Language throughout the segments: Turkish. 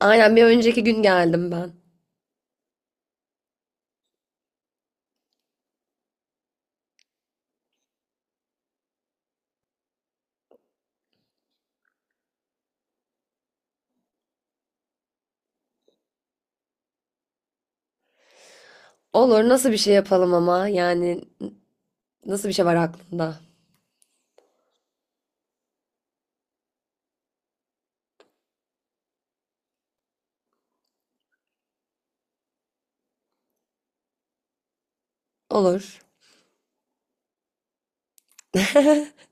Aynen bir önceki gün geldim ben. Olur, nasıl bir şey yapalım, ama yani nasıl bir şey var aklında? Olur.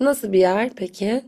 Nasıl bir yer peki?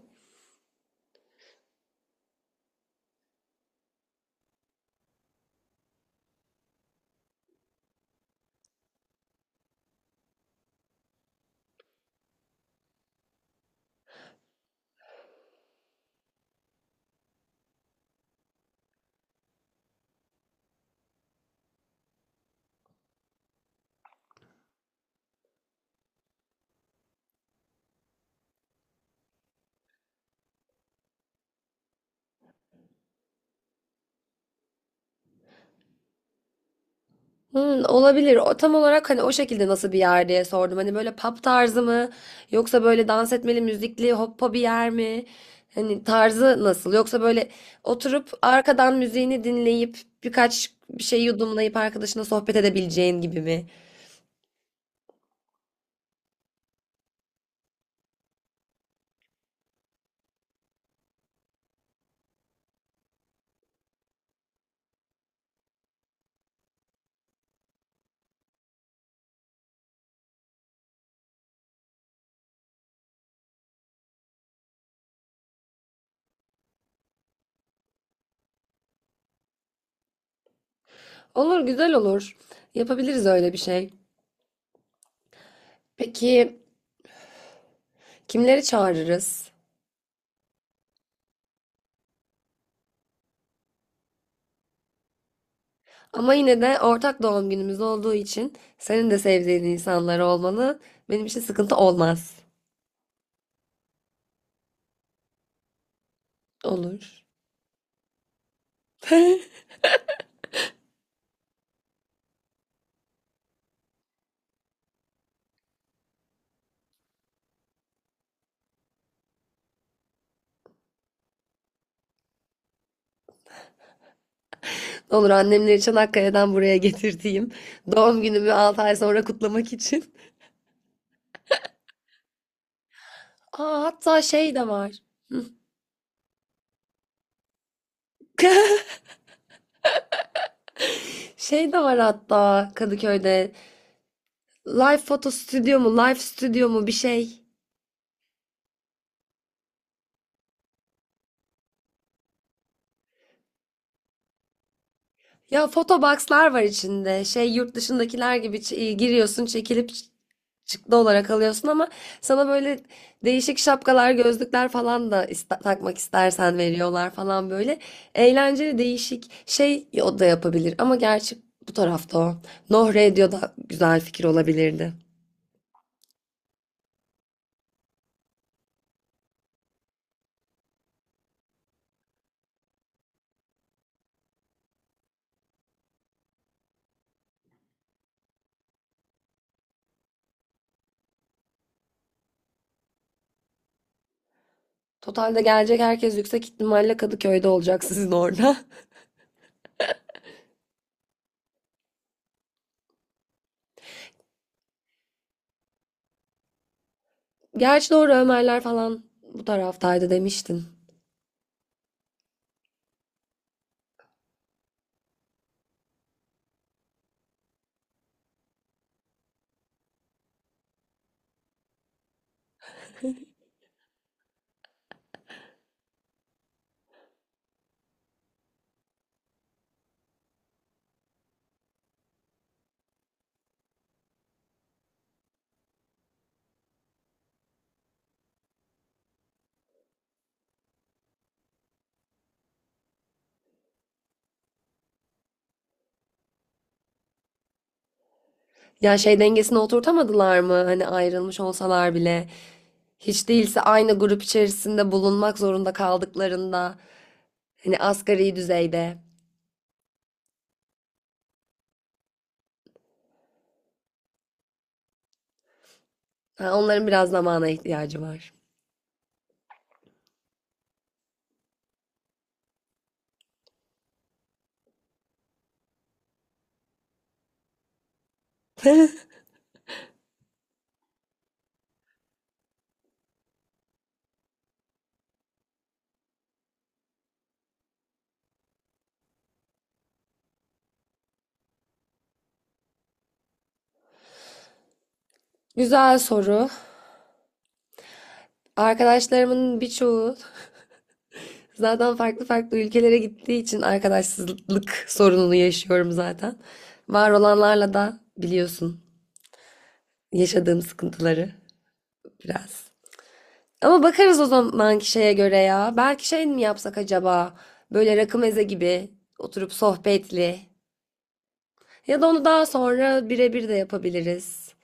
Hmm, olabilir. O tam olarak hani o şekilde nasıl bir yer diye sordum. Hani böyle pub tarzı mı yoksa böyle dans etmeli, müzikli, hoppa bir yer mi? Hani tarzı nasıl? Yoksa böyle oturup arkadan müziğini dinleyip birkaç bir şey yudumlayıp arkadaşına sohbet edebileceğin gibi mi? Olur, güzel olur. Yapabiliriz öyle bir şey. Peki, kimleri çağırırız? Ama yine de ortak doğum günümüz olduğu için senin de sevdiğin insanlar olmalı. Benim için sıkıntı olmaz. Olur. Olur, annemleri Çanakkale'den buraya getirdiğim, doğum günümü 6 ay sonra kutlamak için. Aa, hatta şey de var. Şey de var hatta Kadıköy'de. Live foto stüdyo mu, live stüdyo mu bir şey. Ya fotoboxlar var içinde. Şey, yurt dışındakiler gibi giriyorsun, çekilip şıklı olarak alıyorsun, ama sana böyle değişik şapkalar, gözlükler falan da takmak istersen veriyorlar falan böyle. Eğlenceli değişik şey, o da yapabilir ama gerçi bu tarafta o. Noh Radio da güzel fikir olabilirdi. Totalde gelecek herkes yüksek ihtimalle Kadıköy'de olacak, sizin orada. Gerçi doğru, Ömerler falan bu taraftaydı demiştin. Ya şey dengesini oturtamadılar mı? Hani ayrılmış olsalar bile. Hiç değilse aynı grup içerisinde bulunmak zorunda kaldıklarında, hani asgari düzeyde. Ha, onların biraz zamana ihtiyacı var. Güzel soru. Arkadaşlarımın birçoğu zaten farklı farklı ülkelere gittiği için arkadaşsızlık sorununu yaşıyorum zaten. Var olanlarla da biliyorsun yaşadığım sıkıntıları biraz. Ama bakarız o zamanki şeye göre ya. Belki şey mi yapsak acaba? Böyle rakı meze gibi oturup sohbetli. Ya da onu daha sonra birebir de yapabiliriz.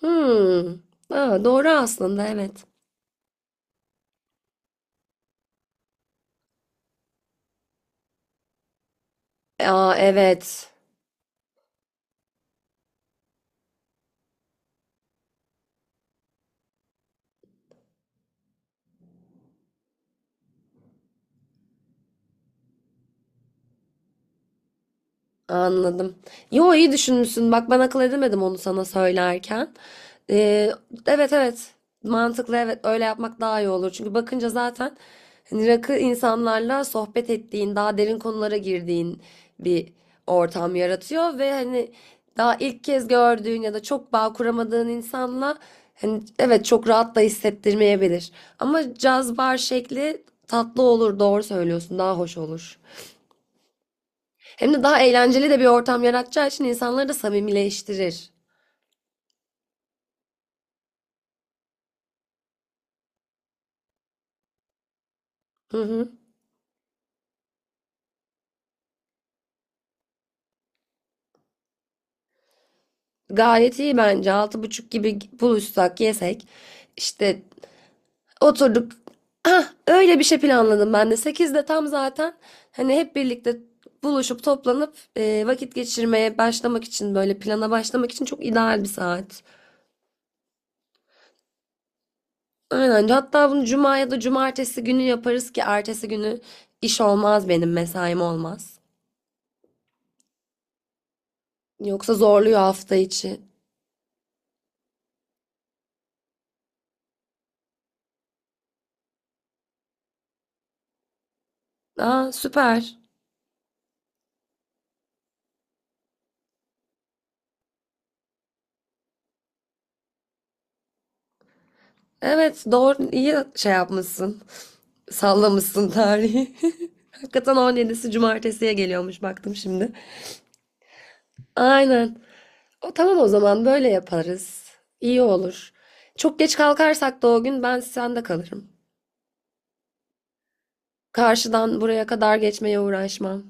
Hmm. Ha, doğru aslında, evet. Aa evet, anladım. Yo, iyi düşünmüşsün. Bak, ben akıl edemedim onu sana söylerken. Ee, evet evet, mantıklı, evet, öyle yapmak daha iyi olur. Çünkü bakınca zaten hani rakı insanlarla sohbet ettiğin, daha derin konulara girdiğin bir ortam yaratıyor ve hani daha ilk kez gördüğün ya da çok bağ kuramadığın insanla hani evet çok rahat da hissettirmeyebilir. Ama caz bar şekli tatlı olur, doğru söylüyorsun, daha hoş olur. Hem de daha eğlenceli de bir ortam yaratacağı için insanları da samimileştirir. Hı hı. Gayet iyi bence. Altı buçuk gibi buluşsak, yesek. İşte oturduk. Ah, öyle bir şey planladım ben de. Sekizde tam zaten hani hep birlikte buluşup toplanıp vakit geçirmeye başlamak için, böyle plana başlamak için çok ideal bir saat. Aynen. Hatta bunu cuma ya da cumartesi günü yaparız ki ertesi günü iş olmaz, benim mesaim olmaz. Yoksa zorluyor hafta içi. Aa, süper. Evet doğru, iyi şey yapmışsın. Sallamışsın tarihi. Hakikaten 17'si cumartesiye geliyormuş, baktım şimdi. Aynen. O tamam, o zaman böyle yaparız. İyi olur. Çok geç kalkarsak da o gün ben sende kalırım. Karşıdan buraya kadar geçmeye uğraşmam.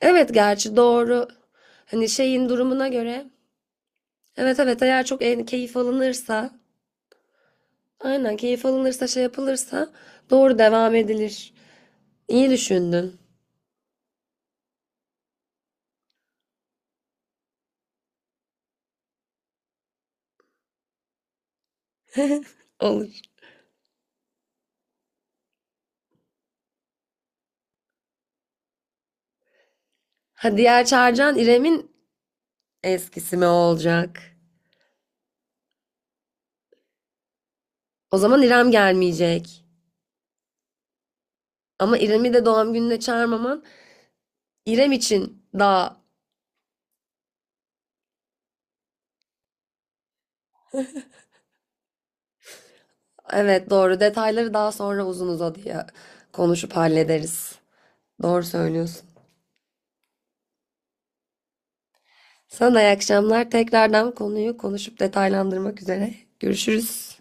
Evet gerçi doğru. Hani şeyin durumuna göre. Evet evet, eğer çok en keyif alınırsa. Aynen, keyif alınırsa, şey yapılırsa doğru devam edilir. İyi düşündün. Olur. Ha, diğer Çağrıcan İrem'in eskisi mi olacak? O zaman İrem gelmeyecek. Ama İrem'i de doğum gününe çağırmaman İrem için daha, evet doğru, detayları daha sonra uzun uzadıya konuşup hallederiz. Doğru söylüyorsun. Sana da iyi akşamlar. Tekrardan konuyu konuşup detaylandırmak üzere. Görüşürüz.